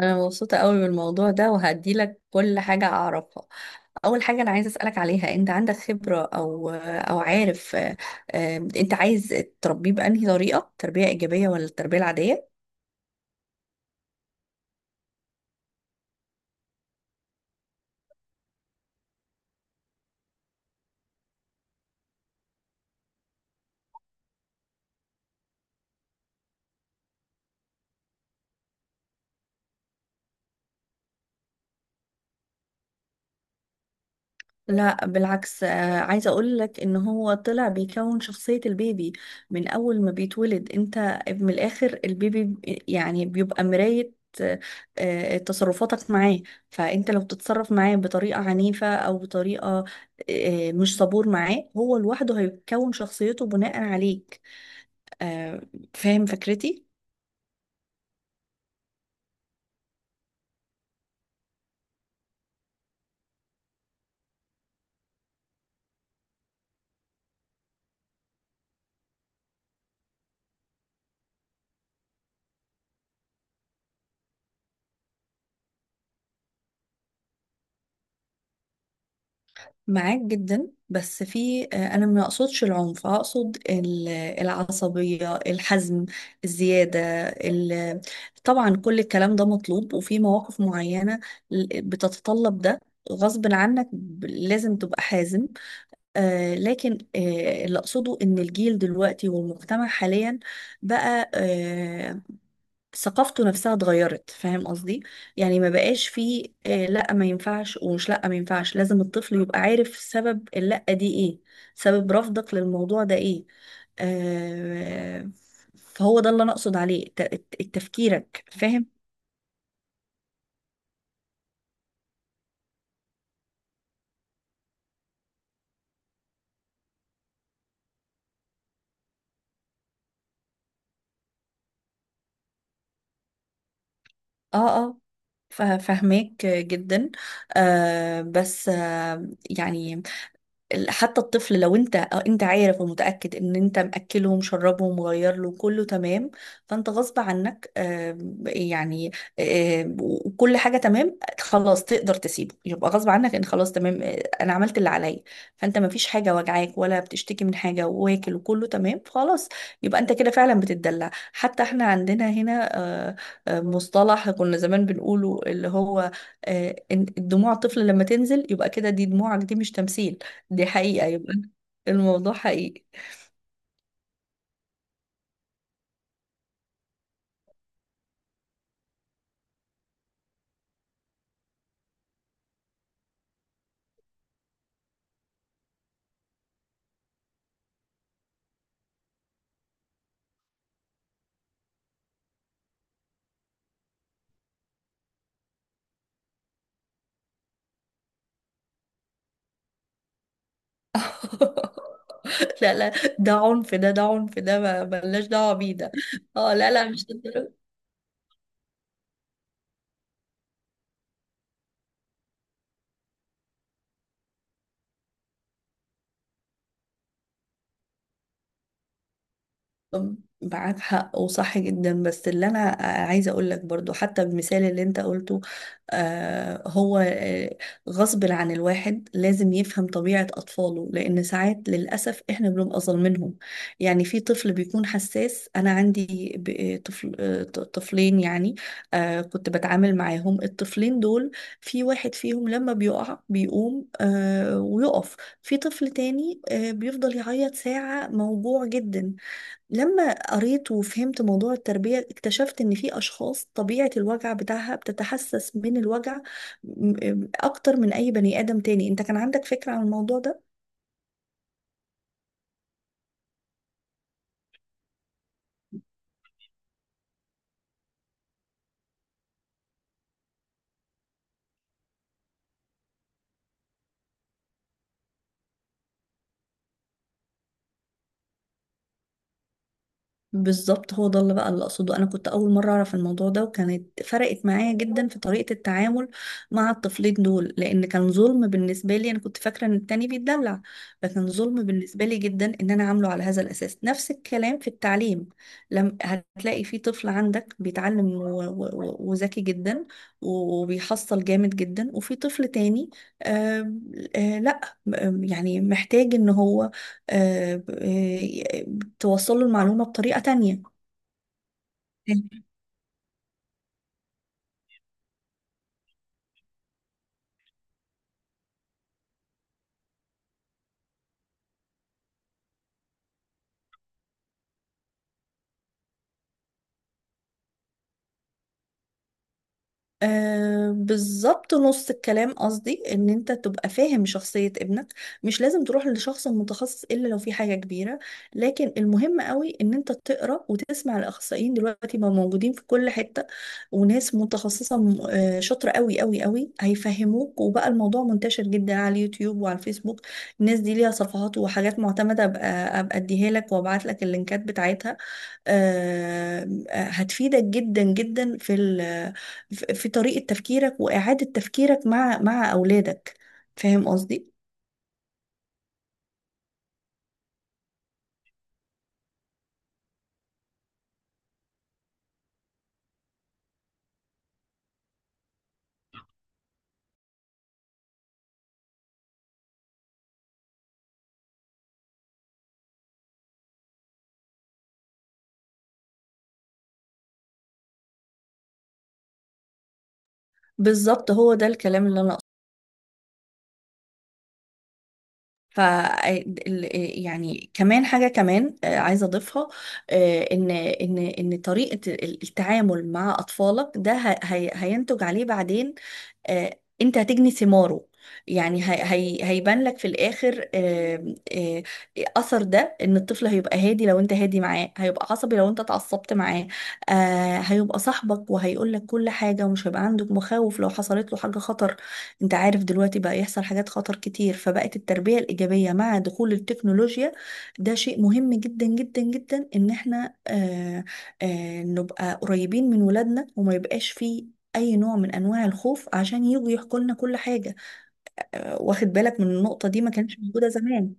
انا مبسوطه قوي بالموضوع ده وهدي لك كل حاجه اعرفها. اول حاجه انا عايزه اسالك عليها، انت عندك خبره او عارف؟ انت عايز تربيه بانهي طريقه، تربيه ايجابيه ولا التربيه العاديه؟ لا بالعكس، عايزة اقول لك ان هو طلع بيكون شخصية البيبي من اول ما بيتولد. انت من الاخر، البيبي يعني بيبقى مراية آه، تصرفاتك معاه. فانت لو بتتصرف معاه بطريقة عنيفة او بطريقة مش صبور معاه، هو لوحده هيكون شخصيته بناء عليك آه، فاهم فكرتي؟ معاك جدا، بس في انا ما اقصدش العنف، اقصد العصبيه، الحزم، الزياده، ال- طبعا كل الكلام ده مطلوب وفي مواقف معينه بتتطلب ده، غصب عنك لازم تبقى حازم. لكن اللي اقصده ان الجيل دلوقتي والمجتمع حاليا بقى، ثقافته نفسها اتغيرت، فاهم قصدي؟ يعني ما بقاش فيه لا ما ينفعش، ومش لا ما ينفعش، لازم الطفل يبقى عارف سبب اللا دي ايه، سبب رفضك للموضوع ده ايه آه فهو ده اللي انا اقصد عليه، تفكيرك، فاهم؟ اه اه، فاهماك جدا. آه بس آه يعني ال- حتى الطفل، لو انت انت عارف ومتأكد ان انت مأكلهم مشربهم مغير له، كله تمام، فانت غصب عنك آم، يعني آم، وكل حاجة تمام خلاص، تقدر تسيبه. يبقى غصب عنك ان خلاص تمام، انا عملت اللي عليا. فانت ما فيش حاجة وجعاك ولا بتشتكي من حاجة، واكل وكله تمام خلاص، يبقى انت كده فعلا بتتدلع. حتى احنا عندنا هنا آه، مصطلح كنا زمان بنقوله، اللي هو ان دموع الطفل لما تنزل يبقى كده، دي دموعك دي مش تمثيل، دي حقيقة، يبقى الموضوع حقيقي. لا لا، ده عنف، ده عنف ده، ملناش دعوة بيه ده. اه لا لا، مش هتضرب. طب معاك حق وصح جدا، بس اللي انا عايزه اقول لك برضو، حتى المثال اللي انت قلته، آه هو آه غصب عن الواحد لازم يفهم طبيعه اطفاله، لان ساعات للاسف احنا بنبقى ظالمينهم. يعني في طفل بيكون حساس، انا عندي طفلين يعني، كنت بتعامل معاهم الطفلين دول، في واحد فيهم لما بيقع بيقوم ويقف، في طفل تاني بيفضل يعيط ساعه موجوع جدا. لما قريت وفهمت موضوع التربية، اكتشفت ان في اشخاص طبيعة الوجع بتاعها بتتحسس من الوجع اكتر من اي بني ادم تاني. انت كان عندك فكرة عن الموضوع ده؟ بالظبط هو ده اللي بقى اللي اقصده، انا كنت اول مره اعرف الموضوع ده، وكانت فرقت معايا جدا في طريقه التعامل مع الطفلين دول، لان كان ظلم بالنسبه لي. انا كنت فاكره ان التاني بيتدلع، فكان ظلم بالنسبه لي جدا ان انا عامله على هذا الاساس. نفس الكلام في التعليم، لم هتلاقي في طفل عندك بيتعلم وذكي جدا وبيحصل جامد جدا، وفي طفل تاني آه آه لا آه، يعني محتاج ان هو آه، آه، توصل له المعلومة بطريقة تانية. بالظبط، نص الكلام قصدي ان انت تبقى فاهم شخصية ابنك، مش لازم تروح لشخص متخصص الا لو في حاجة كبيرة. لكن المهم قوي ان انت تقرأ وتسمع، الاخصائيين دلوقتي ما موجودين في كل حتة، وناس متخصصة شاطرة قوي قوي قوي، هيفهموك، وبقى الموضوع منتشر جدا على اليوتيوب وعلى الفيسبوك. الناس دي ليها صفحات وحاجات معتمدة، ابقى اديها لك وابعت لك اللينكات بتاعتها. هتفيدك جدا جدا في ال- في طريقة تفكيرك وإعادة تفكيرك مع أولادك، فاهم قصدي؟ بالظبط هو ده الكلام اللي أنا أقصده. ف آه، ال- آه، يعني كمان حاجة كمان عايزة أضيفها، إن طريقة التعامل مع أطفالك ده هينتج عليه بعدين، انت هتجني ثماره. يعني هي هيبان لك في الاخر اثر ده، ان الطفل هيبقى هادي لو انت هادي معاه، هيبقى عصبي لو انت اتعصبت معاه، هيبقى صاحبك وهيقول لك كل حاجة، ومش هيبقى عندك مخاوف لو حصلت له حاجة خطر. انت عارف دلوقتي بقى يحصل حاجات خطر كتير، فبقت التربية الإيجابية مع دخول التكنولوجيا ده شيء مهم جدا جدا جدا، ان احنا نبقى قريبين من ولادنا، وما يبقاش فيه اي نوع من انواع الخوف، عشان يجوا يحكوا لنا كل حاجه. واخد بالك من النقطه دي، ما كانتش موجوده زمان.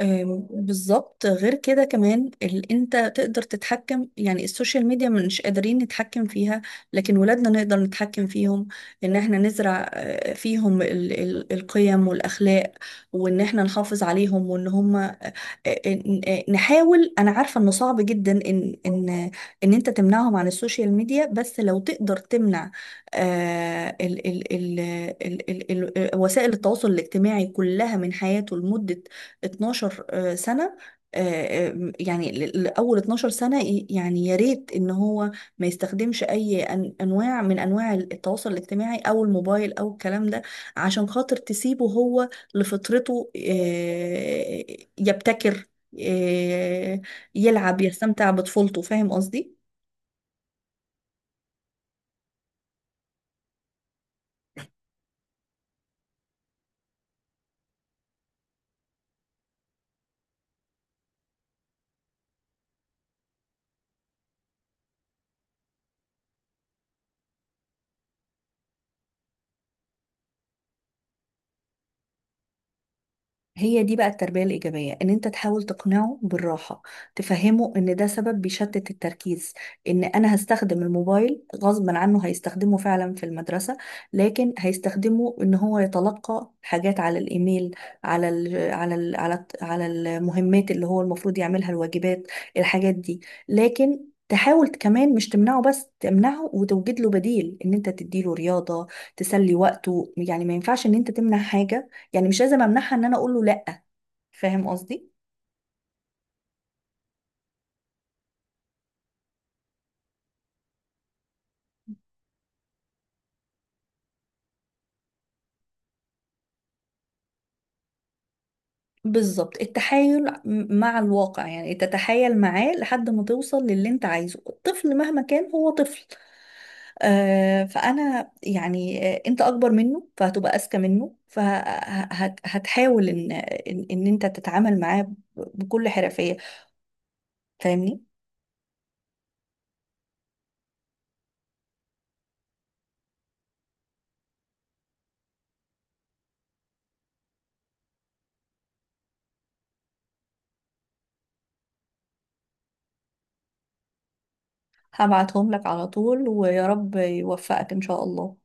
بالظبط. غير كده كمان انت تقدر تتحكم، يعني السوشيال ميديا مش قادرين نتحكم فيها، لكن ولادنا نقدر نتحكم فيهم. ان احنا نزرع فيهم القيم والاخلاق، وان احنا نحافظ عليهم، وان هم نحاول. انا عارفه انه صعب جدا ان انت تمنعهم عن السوشيال ميديا، بس لو تقدر تمنع آه، ال ال ال ال ال ال وسائل التواصل الاجتماعي كلها من حياته لمده 12 سنه يعني لأول 12 سنة يعني يا ريت إن هو ما يستخدمش أي أنواع من أنواع التواصل الاجتماعي أو الموبايل أو الكلام ده، عشان خاطر تسيبه هو لفطرته، يبتكر آه، يلعب، يستمتع بطفولته، فاهم قصدي؟ هي دي بقى التربية الإيجابية، إن أنت تحاول تقنعه بالراحة، تفهمه إن ده سبب بيشتت التركيز، إن أنا هستخدم الموبايل غصبا عنه هيستخدمه فعلا في المدرسة، لكن هيستخدمه إن هو يتلقى حاجات على الإيميل، على على المهمات، اللي هو المفروض يعملها، الواجبات، الحاجات دي. لكن تحاول كمان، مش تمنعه بس، تمنعه وتوجد له بديل، ان انت تديله رياضة تسلي وقته. يعني ما ينفعش ان انت تمنع حاجة، يعني مش لازم امنعها، ان انا اقول له لا، فاهم قصدي؟ بالظبط، التحايل مع الواقع، يعني تتحايل معاه لحد ما توصل للي انت عايزه، الطفل مهما كان هو طفل، فانا يعني انت اكبر منه فهتبقى اذكى منه، فهتحاول ان ان إن انت تتعامل معاه بكل حرفية، فاهمني؟ هبعتهم لك على طول، ويا رب يوفقك ان شاء الله.